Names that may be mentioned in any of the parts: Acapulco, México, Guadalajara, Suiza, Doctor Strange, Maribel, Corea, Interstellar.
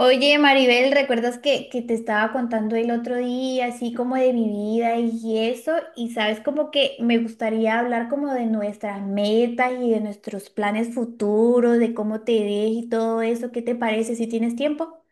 Oye, Maribel, ¿recuerdas que te estaba contando el otro día, así como de mi vida y eso? Y sabes, como que me gustaría hablar como de nuestras metas y de nuestros planes futuros, de cómo te ves y todo eso. ¿Qué te parece si tienes tiempo?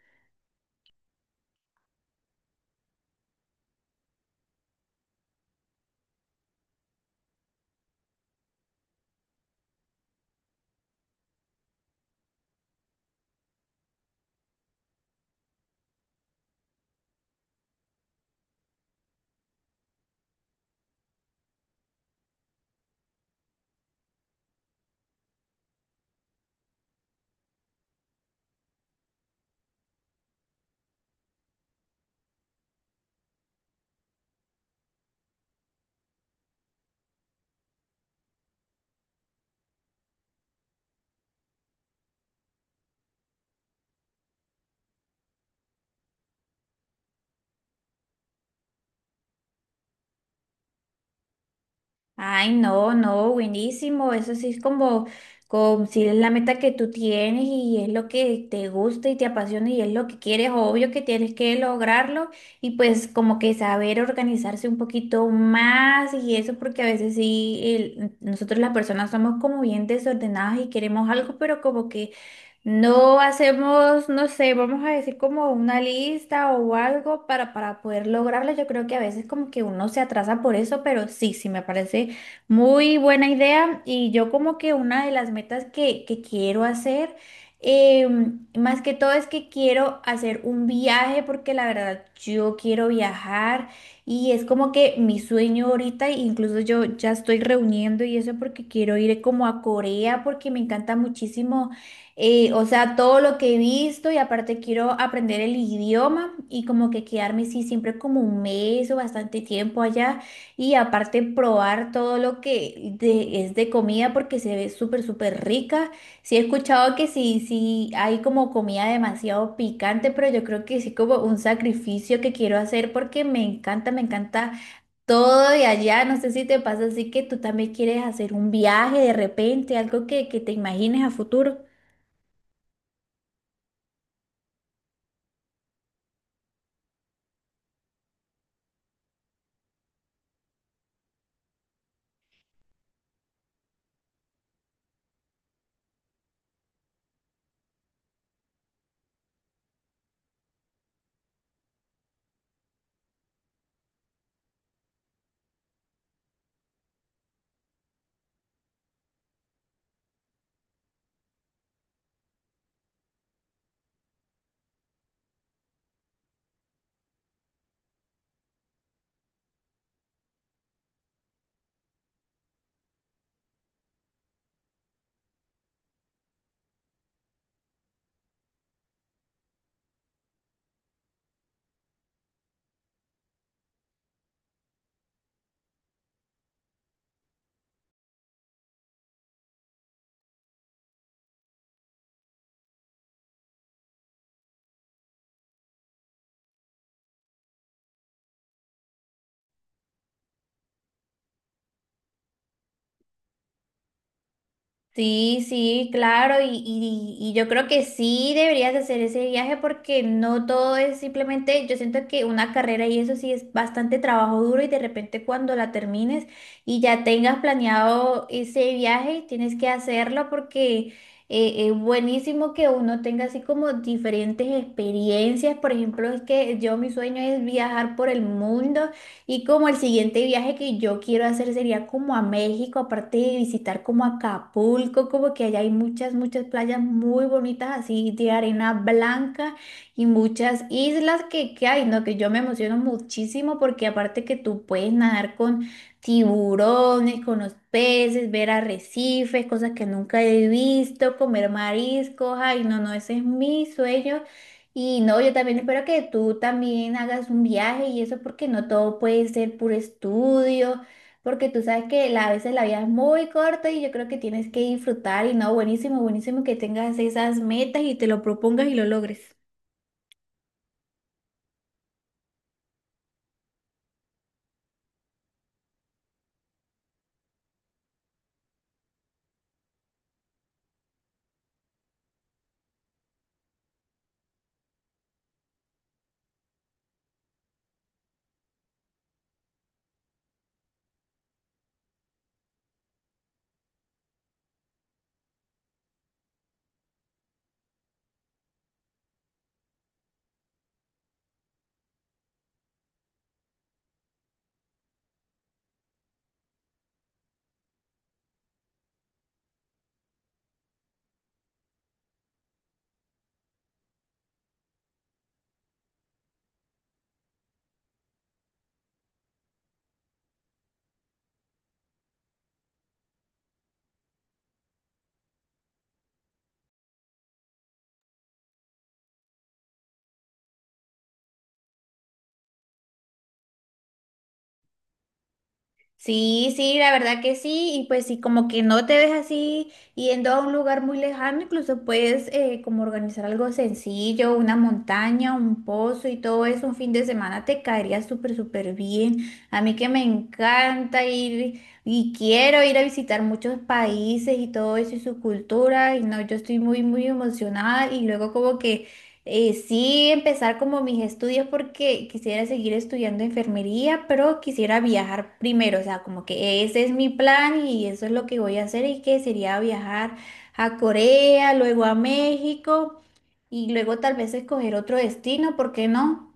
Ay, no, no, buenísimo. Eso sí es como, como si es la meta que tú tienes y es lo que te gusta y te apasiona y es lo que quieres, obvio que tienes que lograrlo y pues como que saber organizarse un poquito más y eso porque a veces sí, nosotros las personas somos como bien desordenadas y queremos algo, pero como que no hacemos, no sé, vamos a decir como una lista o algo para poder lograrlo. Yo creo que a veces como que uno se atrasa por eso, pero sí, sí, me parece muy buena idea. Y yo como que una de las metas que quiero hacer, eh, más que todo es que quiero hacer un viaje porque la verdad yo quiero viajar y es como que mi sueño ahorita, e incluso yo ya estoy reuniendo y eso porque quiero ir como a Corea porque me encanta muchísimo o sea, todo lo que he visto y aparte quiero aprender el idioma y como que quedarme, sí, siempre como un mes o bastante tiempo allá y aparte probar todo lo es de comida porque se ve súper, súper rica. Sí, he escuchado que sí, sí, hay como comida demasiado picante, pero yo creo que sí como un sacrificio que quiero hacer porque me encanta todo de allá. No sé si te pasa así que tú también quieres hacer un viaje de repente, algo que te imagines a futuro. Sí, sí, claro, y yo creo que sí deberías hacer ese viaje porque no todo es simplemente, yo siento que una carrera y eso sí es bastante trabajo duro y de repente cuando la termines y ya tengas planeado ese viaje, tienes que hacerlo porque es buenísimo que uno tenga así como diferentes experiencias. Por ejemplo, es que yo mi sueño es viajar por el mundo y como el siguiente viaje que yo quiero hacer sería como a México, aparte de visitar como Acapulco, como que allá hay muchas, muchas playas muy bonitas así de arena blanca y muchas islas que hay, ¿no? Que yo me emociono muchísimo porque aparte que tú puedes nadar con tiburones, con los peces, ver arrecifes, cosas que nunca he visto, comer mariscos, ay, no, no, ese es mi sueño y no, yo también espero que tú también hagas un viaje y eso porque no todo puede ser puro estudio, porque tú sabes que a veces la vida es muy corta y yo creo que tienes que disfrutar y no, buenísimo, buenísimo que tengas esas metas y te lo propongas y lo logres. Sí, sí, la verdad que sí, y pues sí, como que no te ves así yendo a un lugar muy lejano, incluso puedes como organizar algo sencillo, una montaña, un pozo y todo eso, un fin de semana te caería súper, súper bien. A mí que me encanta ir y quiero ir a visitar muchos países y todo eso y su cultura, y no, yo estoy muy, muy emocionada y luego como que... sí, empezar como mis estudios porque quisiera seguir estudiando enfermería, pero quisiera viajar primero, o sea, como que ese es mi plan y eso es lo que voy a hacer y que sería viajar a Corea, luego a México y luego tal vez escoger otro destino, ¿por qué no?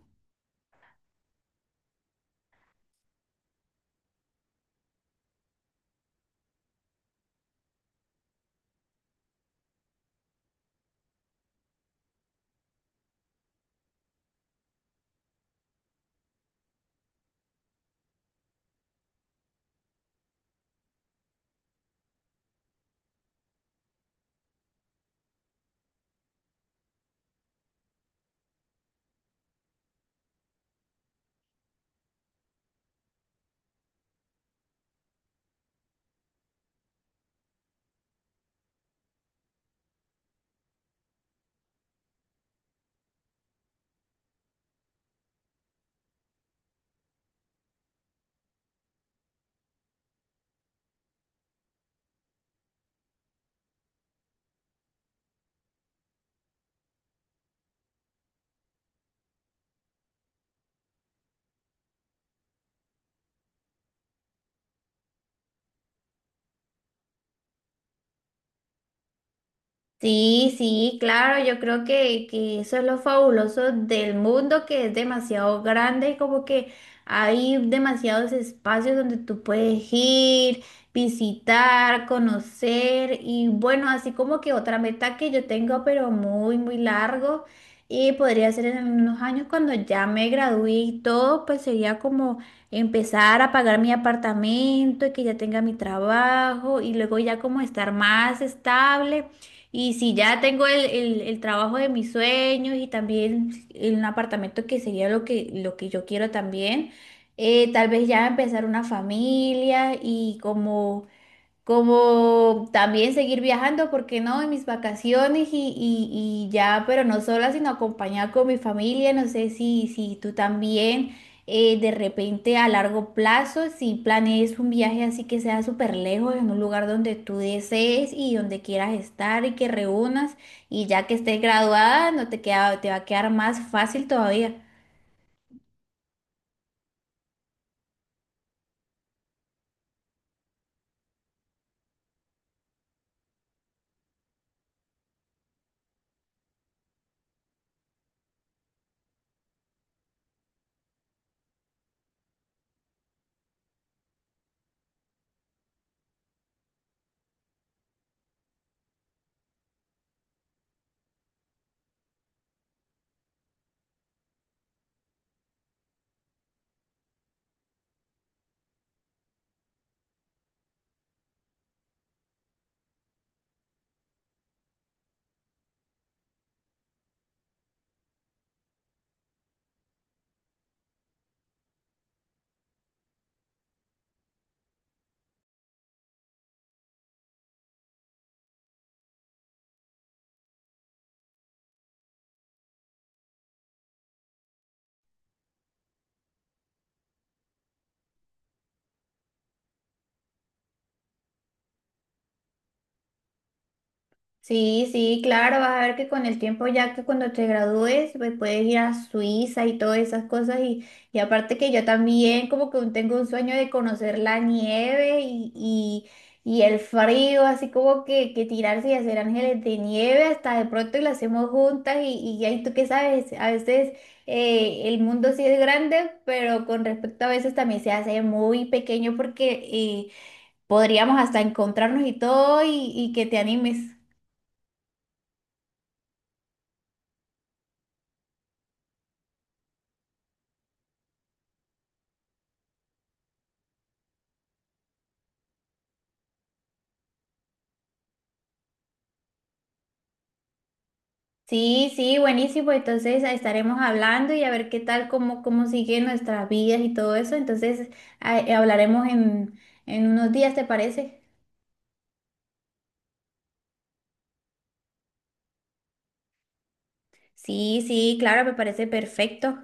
Sí, sí, claro, yo creo que eso es lo fabuloso del mundo, que es demasiado grande y como que hay demasiados espacios donde tú puedes ir, visitar, conocer y bueno, así como que otra meta que yo tengo, pero muy, muy largo y podría ser en unos años cuando ya me gradué y todo, pues sería como empezar a pagar mi apartamento y que ya tenga mi trabajo y luego ya como estar más estable. Y si ya tengo el trabajo de mis sueños y también en un apartamento que sería lo lo que yo quiero también, tal vez ya empezar una familia y como como también seguir viajando, ¿por qué no? En mis vacaciones y ya, pero no sola, sino acompañada con mi familia. No sé si tú también de repente a largo plazo, si planees un viaje así que sea súper lejos, en un lugar donde tú desees y donde quieras estar y que reúnas y ya que estés graduada, no te queda, te va a quedar más fácil todavía. Sí, sí, claro, vas a ver que con el tiempo ya que cuando te gradúes, pues puedes ir a Suiza y todas esas cosas y aparte que yo también como que tengo un sueño de conocer la nieve y el frío, así como que tirarse y hacer ángeles de nieve hasta de pronto y lo hacemos juntas y ahí tú qué sabes, a veces el mundo sí es grande, pero con respecto a veces también se hace muy pequeño porque podríamos hasta encontrarnos y todo y que te animes. Sí, sí, buenísimo. Entonces estaremos hablando y a ver qué tal, cómo, cómo siguen nuestras vidas y todo eso. Entonces hablaremos en unos días, ¿te parece? Sí, sí, claro, me parece perfecto.